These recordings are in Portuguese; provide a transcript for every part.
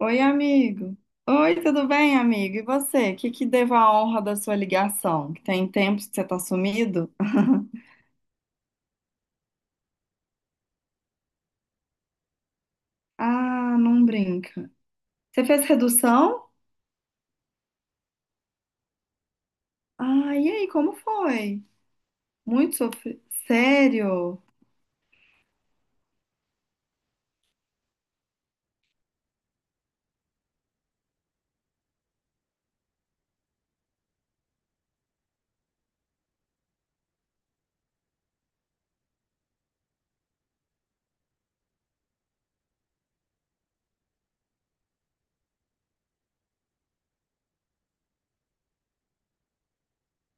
Oi, amigo. Oi, tudo bem, amigo? E você? O que que devo a honra da sua ligação? Que tem tempos que você tá sumido? Ah, não brinca. Você fez redução? Ah, e aí, como foi? Muito sofrido. Sério?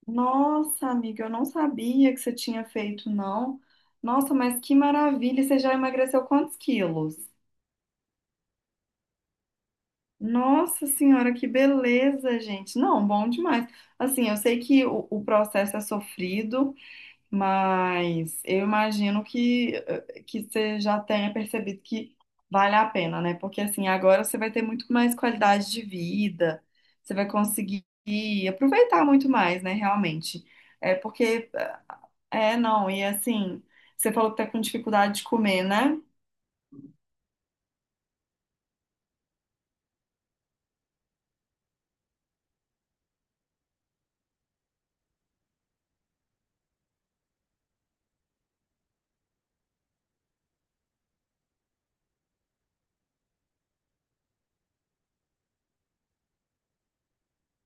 Nossa, amiga, eu não sabia que você tinha feito, não. Nossa, mas que maravilha! E você já emagreceu quantos quilos? Nossa senhora, que beleza, gente. Não, bom demais. Assim, eu sei que o processo é sofrido. Mas eu imagino que, que você já tenha percebido que vale a pena, né? Porque assim, agora você vai ter muito mais qualidade de vida, você vai conseguir aproveitar muito mais, né? Realmente. É porque, é, não, e assim, você falou que tá com dificuldade de comer, né?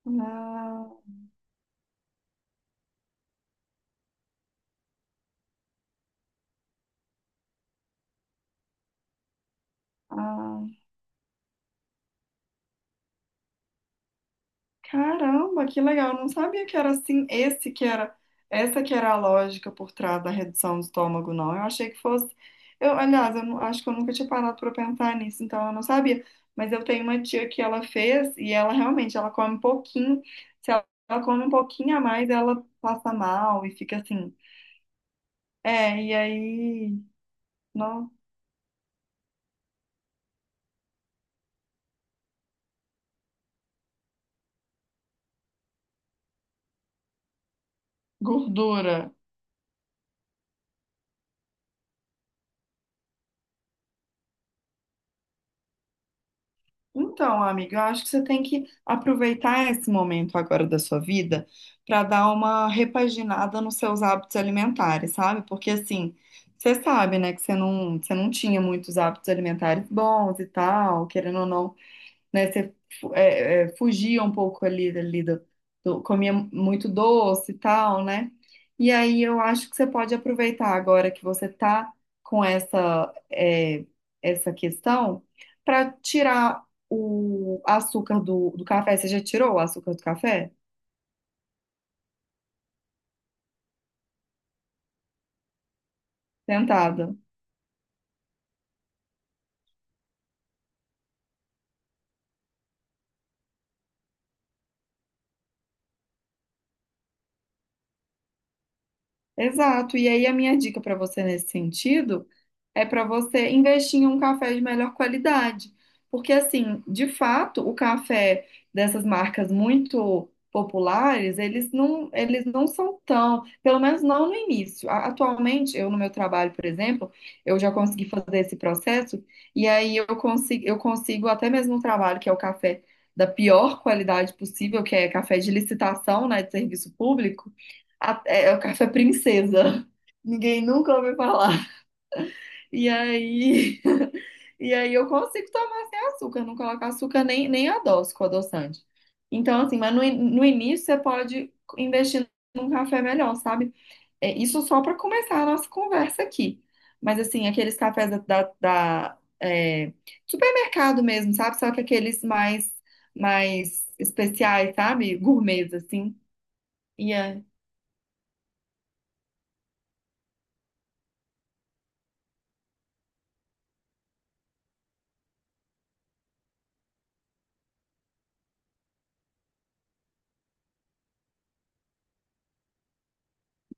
Ah, ah. Caramba, que legal. Eu não sabia que era assim, essa que era a lógica por trás da redução do estômago, não. Eu achei que fosse. Eu, aliás, eu não- acho que eu nunca tinha parado para pensar nisso, então eu não sabia. Mas eu tenho uma tia que ela fez e ela realmente, ela come um pouquinho. Se ela, ela come um pouquinho a mais, ela passa mal e fica assim. É, e aí, não, gordura. Então, amiga, eu acho que você tem que aproveitar esse momento agora da sua vida para dar uma repaginada nos seus hábitos alimentares, sabe? Porque assim, você sabe, né, que você não tinha muitos hábitos alimentares bons e tal, querendo ou não né? Você fugia um pouco ali, comia muito doce e tal, né? E aí eu acho que você pode aproveitar agora que você tá com essa, é, essa questão para tirar o açúcar do café. Você já tirou o açúcar do café? Tentada. Exato. E aí a minha dica para você nesse sentido é para você investir em um café de melhor qualidade. Porque assim, de fato, o café dessas marcas muito populares, eles não são tão, pelo menos não no início. Atualmente, eu no meu trabalho, por exemplo, eu já consegui fazer esse processo e aí eu consigo até mesmo um trabalho que é o café da pior qualidade possível, que é café de licitação, né, de serviço público é o café princesa. Ninguém nunca ouviu falar. E aí, e aí eu consigo tomar sem açúcar, não colocar açúcar nem, nem adoço com adoçante. Então, assim, mas no início você pode investir num café melhor, sabe? É, isso só para começar a nossa conversa aqui. Mas, assim, aqueles cafés da, é, supermercado mesmo, sabe? Só que aqueles mais, mais especiais, sabe? Gourmets, assim.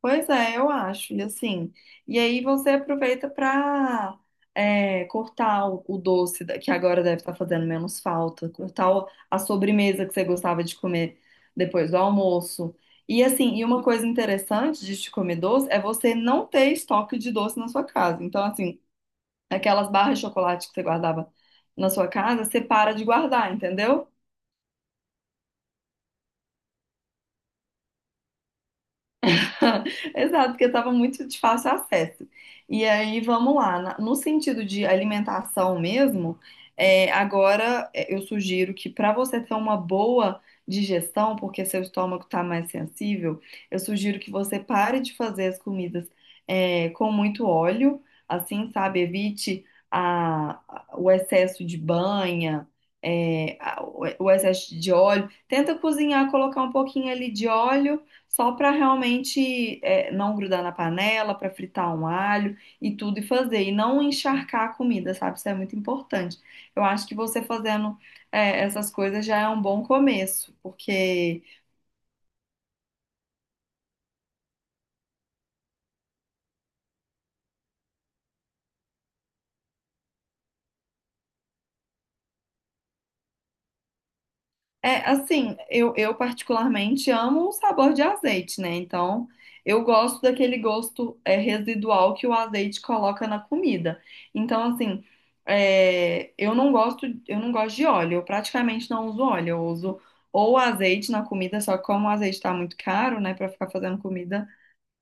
Pois é, eu acho, e assim, e aí você aproveita para cortar o doce, que agora deve estar fazendo menos falta, cortar a sobremesa que você gostava de comer depois do almoço. E assim, e uma coisa interessante de te comer doce é você não ter estoque de doce na sua casa. Então, assim, aquelas barras de chocolate que você guardava na sua casa, você para de guardar, entendeu? Exato, porque estava muito de fácil acesso. E aí, vamos lá, no sentido de alimentação mesmo, é, agora é, eu sugiro que para você ter uma boa digestão, porque seu estômago está mais sensível, eu sugiro que você pare de fazer as comidas é, com muito óleo, assim, sabe? Evite o excesso de banha, é, o excesso de óleo. Tenta cozinhar, colocar um pouquinho ali de óleo só para realmente é, não grudar na panela, para fritar um alho e tudo e fazer, e não encharcar a comida, sabe? Isso é muito importante. Eu acho que você fazendo é, essas coisas já é um bom começo, porque é, assim, eu particularmente amo o sabor de azeite, né? Então, eu gosto daquele gosto é, residual que o azeite coloca na comida. Então, assim, é, eu não gosto de óleo. Eu praticamente não uso óleo. Eu uso ou azeite na comida, só que como o azeite tá muito caro, né, pra ficar fazendo comida.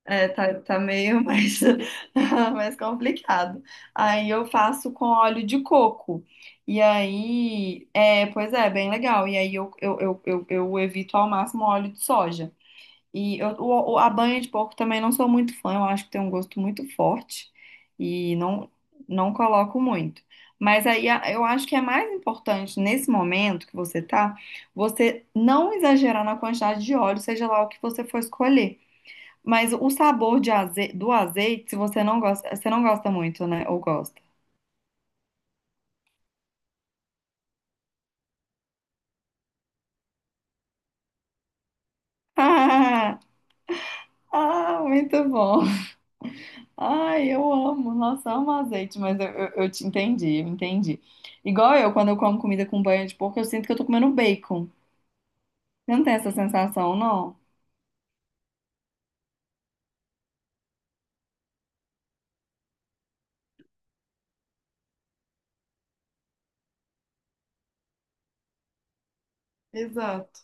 É, tá meio mais, mais complicado. Aí eu faço com óleo de coco. E aí, é, pois é, bem legal. E aí eu evito ao máximo óleo de soja. E eu, a banha de porco também não sou muito fã, eu acho que tem um gosto muito forte e não, não coloco muito. Mas aí eu acho que é mais importante nesse momento que você tá, você não exagerar na quantidade de óleo, seja lá o que você for escolher. Mas o sabor de do azeite, se você não gosta, você não gosta muito, né? Ou gosta? Ah, ah, muito bom. Ai, eu amo. Nossa, amo azeite, mas eu te entendi, eu entendi. Igual eu, quando eu como comida com banha de porco, eu sinto que eu tô comendo bacon. Você não tem essa sensação, não? Exato.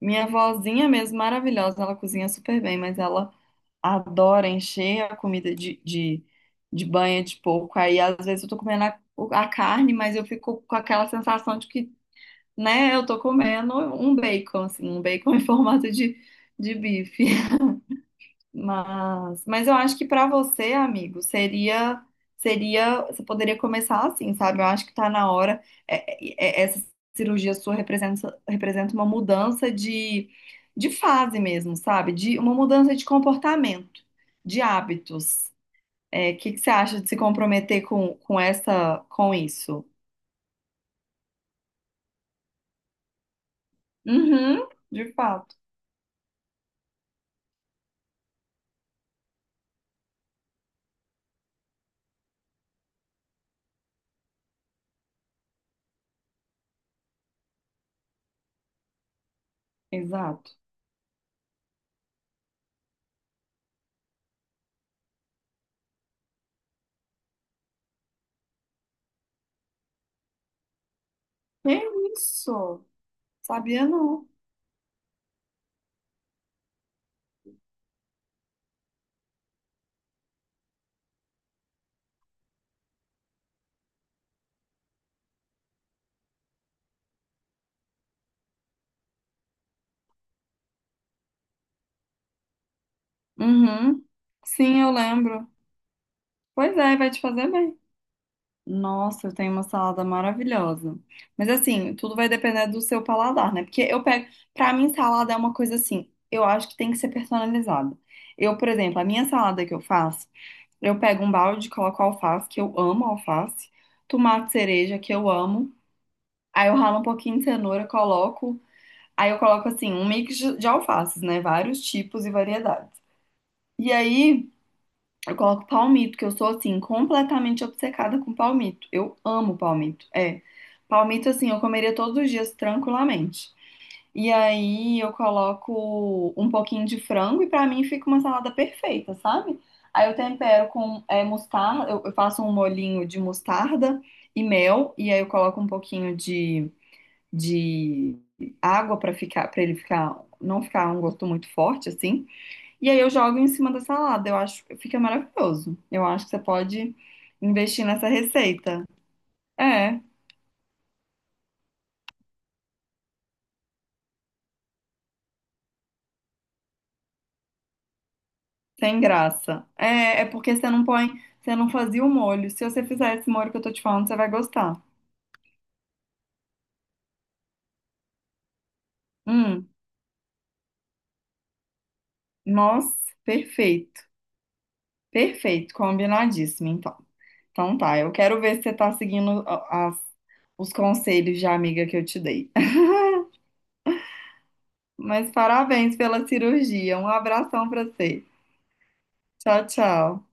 Minha vozinha mesmo, maravilhosa, ela cozinha super bem, mas ela adora encher a comida de banha de porco. Aí, às vezes, eu tô comendo a carne, mas eu fico com aquela sensação de que, né, eu tô comendo um bacon, assim, um bacon em formato de bife. Mas eu acho que para você, amigo, seria, seria, você poderia começar assim, sabe? Eu acho que tá na hora. Essa cirurgia sua representa, representa uma mudança de fase mesmo, sabe? De uma mudança de comportamento, de hábitos. É, o que que você acha de se comprometer com essa, com isso? Uhum, de fato, exato. É isso, sabia não. Uhum, sim, eu lembro. Pois é, vai te fazer bem. Nossa, eu tenho uma salada maravilhosa. Mas assim, tudo vai depender do seu paladar, né? Porque eu pego, pra mim salada é uma coisa assim, eu acho que tem que ser personalizada. Eu, por exemplo, a minha salada que eu faço, eu pego um balde, coloco alface, que eu amo alface, tomate cereja, que eu amo. Aí eu ralo um pouquinho de cenoura, coloco, aí eu coloco assim, um mix de alfaces, né? Vários tipos e variedades. E aí eu coloco palmito, que eu sou assim, completamente obcecada com palmito. Eu amo palmito. É. Palmito, assim, eu comeria todos os dias tranquilamente. E aí eu coloco um pouquinho de frango e pra mim fica uma salada perfeita, sabe? Aí eu tempero com é, mostarda, eu faço um molhinho de mostarda e mel, e aí eu coloco um pouquinho de água pra ficar, para ele ficar, não ficar um gosto muito forte, assim. E aí eu jogo em cima da salada. Eu acho que fica maravilhoso. Eu acho que você pode investir nessa receita. É, sem graça. É, é porque você não põe, você não fazia o molho. Se você fizer esse molho que eu tô te falando, você vai gostar. Hum, nossa, perfeito. Perfeito, combinadíssimo, então. Então tá, eu quero ver se você tá seguindo os conselhos de amiga que eu te dei. Mas parabéns pela cirurgia. Um abração pra você. Tchau, tchau.